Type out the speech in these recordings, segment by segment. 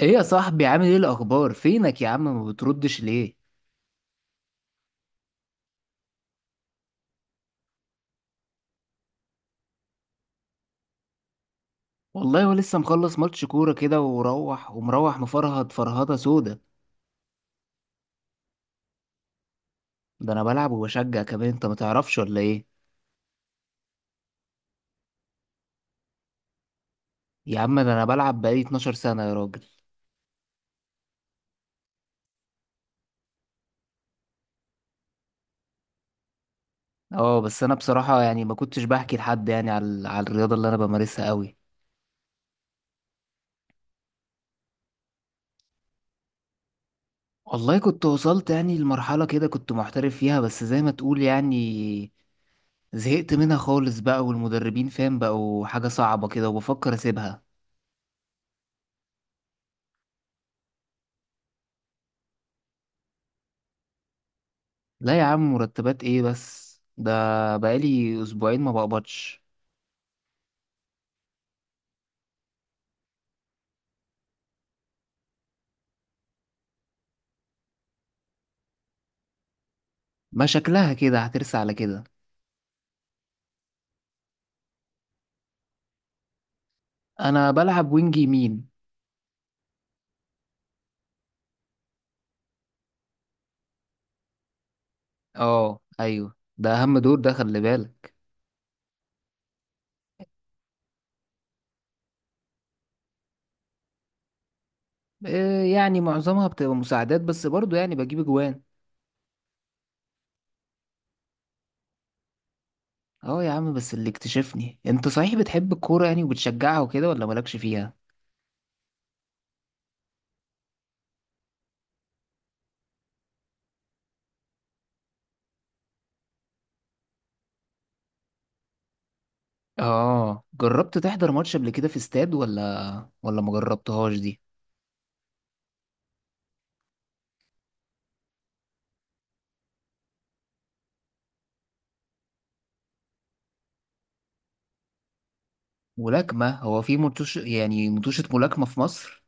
ايه يا صاحبي، عامل ايه؟ الاخبار؟ فينك يا عم؟ ما بتردش ليه؟ والله ولسه مخلص ماتش كوره كده وروح ومروح مفرهد فرهده سودا. ده انا بلعب وبشجع كمان، انت ما تعرفش ولا ايه؟ يا عم ده انا بلعب بقالي 12 سنه يا راجل. اه بس انا بصراحه يعني ما كنتش بحكي لحد يعني على الرياضه اللي انا بمارسها قوي. والله كنت وصلت يعني لمرحله كده، كنت محترف فيها بس زي ما تقول يعني زهقت منها خالص بقى، والمدربين فاهم بقوا حاجه صعبه كده وبفكر اسيبها. لا يا عم مرتبات ايه؟ بس ده بقالي اسبوعين ما بقبضش. ما شكلها كده هترسى على كده. انا بلعب وينج يمين. اه ايوه، ده اهم دور ده، خلي بالك. إيه يعني؟ معظمها بتبقى مساعدات بس برضو يعني بجيب اجوان. اه يا عم، بس اللي اكتشفني انت، صحيح بتحب الكورة يعني وبتشجعها وكده ولا مالكش فيها؟ اه، جربت تحضر ماتش قبل كده في استاد ولا ما جربتهاش دي؟ ملاكمة؟ هو في متوش يعني متوشة ملاكمة في مصر؟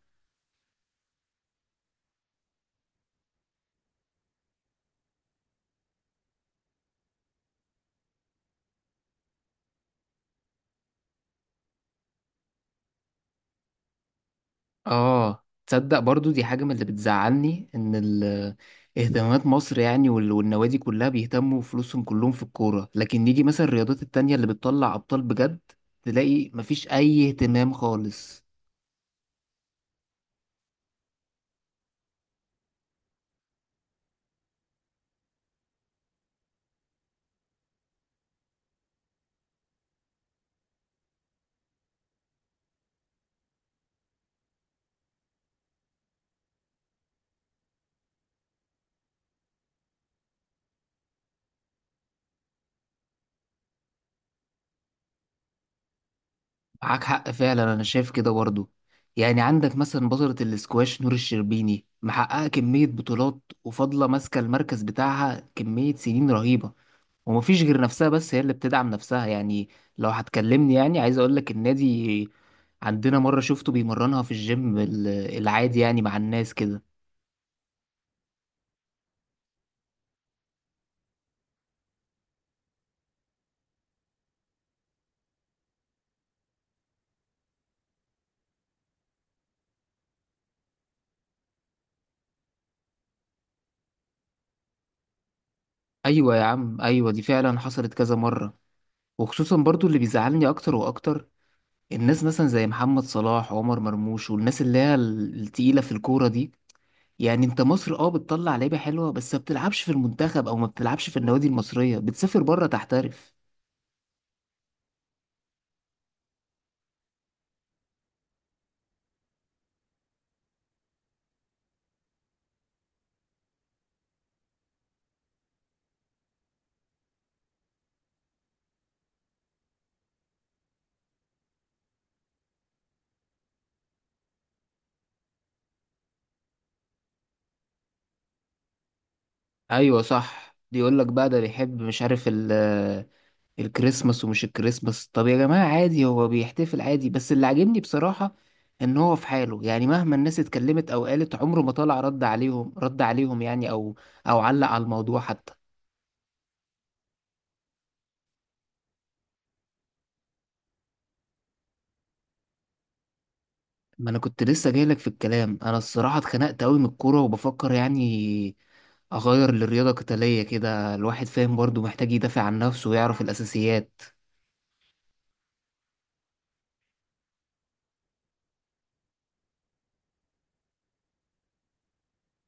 اه تصدق، برضو دي حاجة من اللي بتزعلني، ان اهتمامات مصر يعني والنوادي كلها بيهتموا فلوسهم كلهم في الكورة، لكن نيجي مثلا الرياضات التانية اللي بتطلع ابطال بجد، تلاقي مفيش اي اهتمام خالص. معاك حق فعلا، انا شايف كده برضو. يعني عندك مثلا بطلة الاسكواش نور الشربيني، محققة كمية بطولات وفاضلة ماسكة المركز بتاعها كمية سنين رهيبة. ومفيش غير نفسها، بس هي اللي بتدعم نفسها يعني. لو هتكلمني يعني عايز اقول لك، النادي عندنا مرة شفته بيمرنها في الجيم العادي يعني مع الناس كده. ايوه يا عم، ايوه دي فعلا حصلت كذا مرة. وخصوصا برضو اللي بيزعلني اكتر واكتر، الناس مثلا زي محمد صلاح وعمر مرموش، والناس اللي هي التقيلة في الكورة دي. يعني انت مصر اه بتطلع لعيبة حلوة بس ما بتلعبش في المنتخب، او ما بتلعبش في النوادي المصرية، بتسافر بره تحترف. ايوه صح، بيقول لك بقى ده بيحب، مش عارف الكريسماس ومش الكريسماس. طب يا جماعة عادي، هو بيحتفل عادي. بس اللي عاجبني بصراحة ان هو في حاله يعني، مهما الناس اتكلمت او قالت عمره ما طلع رد عليهم يعني، او علق على الموضوع حتى. ما انا كنت لسه جايلك في الكلام، انا الصراحة اتخنقت قوي من الكورة وبفكر يعني اغير لرياضة قتالية كده، الواحد فاهم برضو محتاج يدافع عن نفسه ويعرف الاساسيات.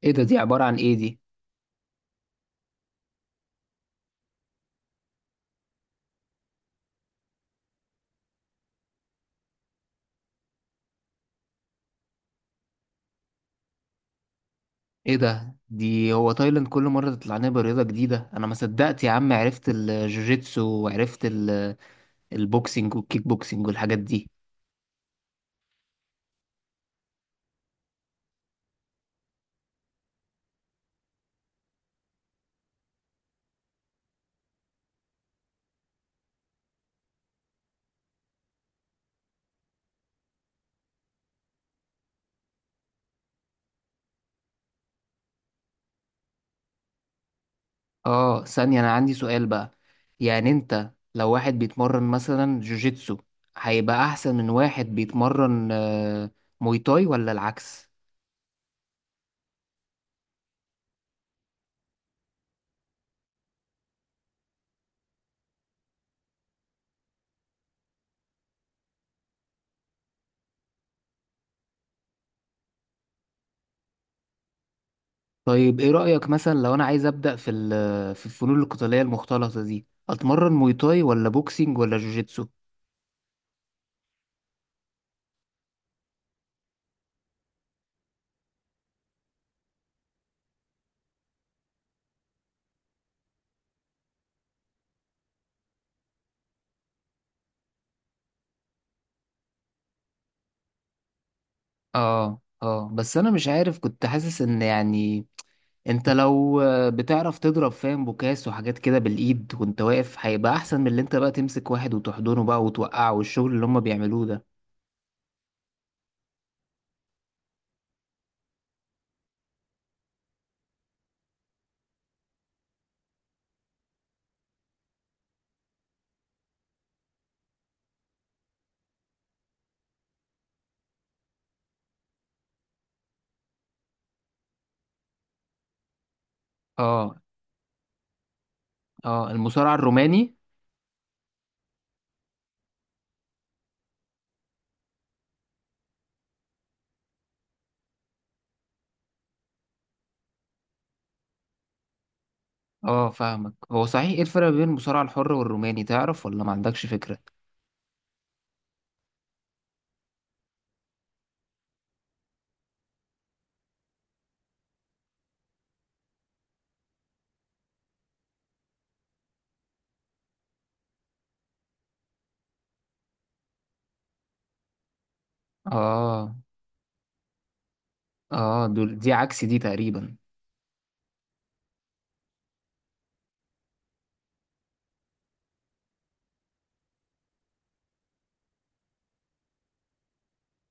ايه ده؟ دي عبارة عن ايه دي؟ ايه ده؟ دي هو تايلاند كل مرة تطلع لنا برياضة جديدة، انا ما صدقت يا عم، عرفت الجوجيتسو وعرفت البوكسينج والكيك بوكسينج والحاجات دي. اه، ثانية، انا عندي سؤال بقى. يعني انت لو واحد بيتمرن مثلا جوجيتسو، هيبقى احسن من واحد بيتمرن موي تاي، ولا العكس؟ طيب ايه رأيك مثلا لو انا عايز ابدأ في في الفنون القتالية المختلطة دي، اتمرن موي تاي ولا بوكسينج ولا جوجيتسو؟ اه اه، بس انا مش عارف، كنت حاسس ان يعني انت لو بتعرف تضرب، فاهم، بوكاس وحاجات كده بالايد وانت واقف، هيبقى احسن من اللي انت بقى تمسك واحد وتحضنه بقى وتوقعه، والشغل اللي هم بيعملوه ده. اه اه، المصارع الروماني. اه فاهمك. هو صحيح ايه الفرق بين المصارع الحر والروماني؟ تعرف ولا ما عندكش فكرة؟ اه اه، دول دي عكس دي تقريبا.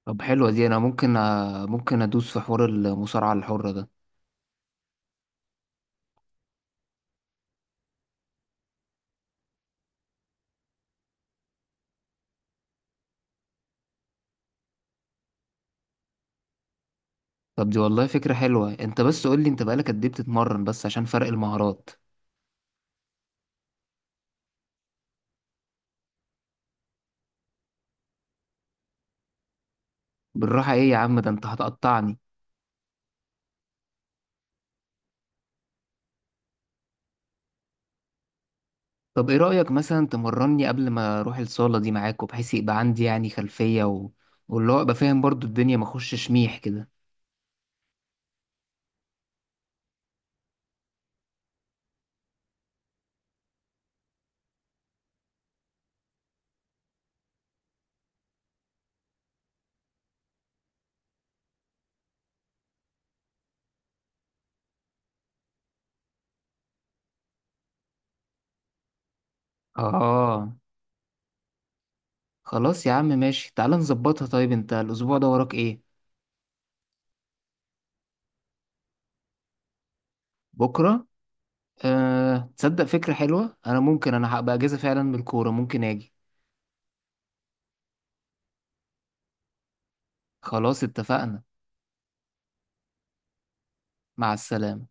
طب حلوة دي، انا ممكن ممكن ادوس في حوار المصارعة الحرة ده. طب دي والله فكرة حلوة، انت بس قول لي انت بقالك قد ايه بتتمرن، بس عشان فرق المهارات. بالراحة ايه يا عم؟ ده انت هتقطعني. طب ايه رأيك مثلا تمرني قبل ما اروح الصالة دي معاك، وبحيث يبقى عندي يعني خلفية واللي هو ابقى فاهم برضو الدنيا، ما اخشش ميح كده. اه خلاص يا عم، ماشي، تعال نظبطها. طيب انت الاسبوع ده وراك ايه؟ بكرة؟ تصدق فكرة حلوة، انا ممكن، انا هبقى اجازة فعلا من الكورة، ممكن اجي. خلاص اتفقنا. مع السلامة.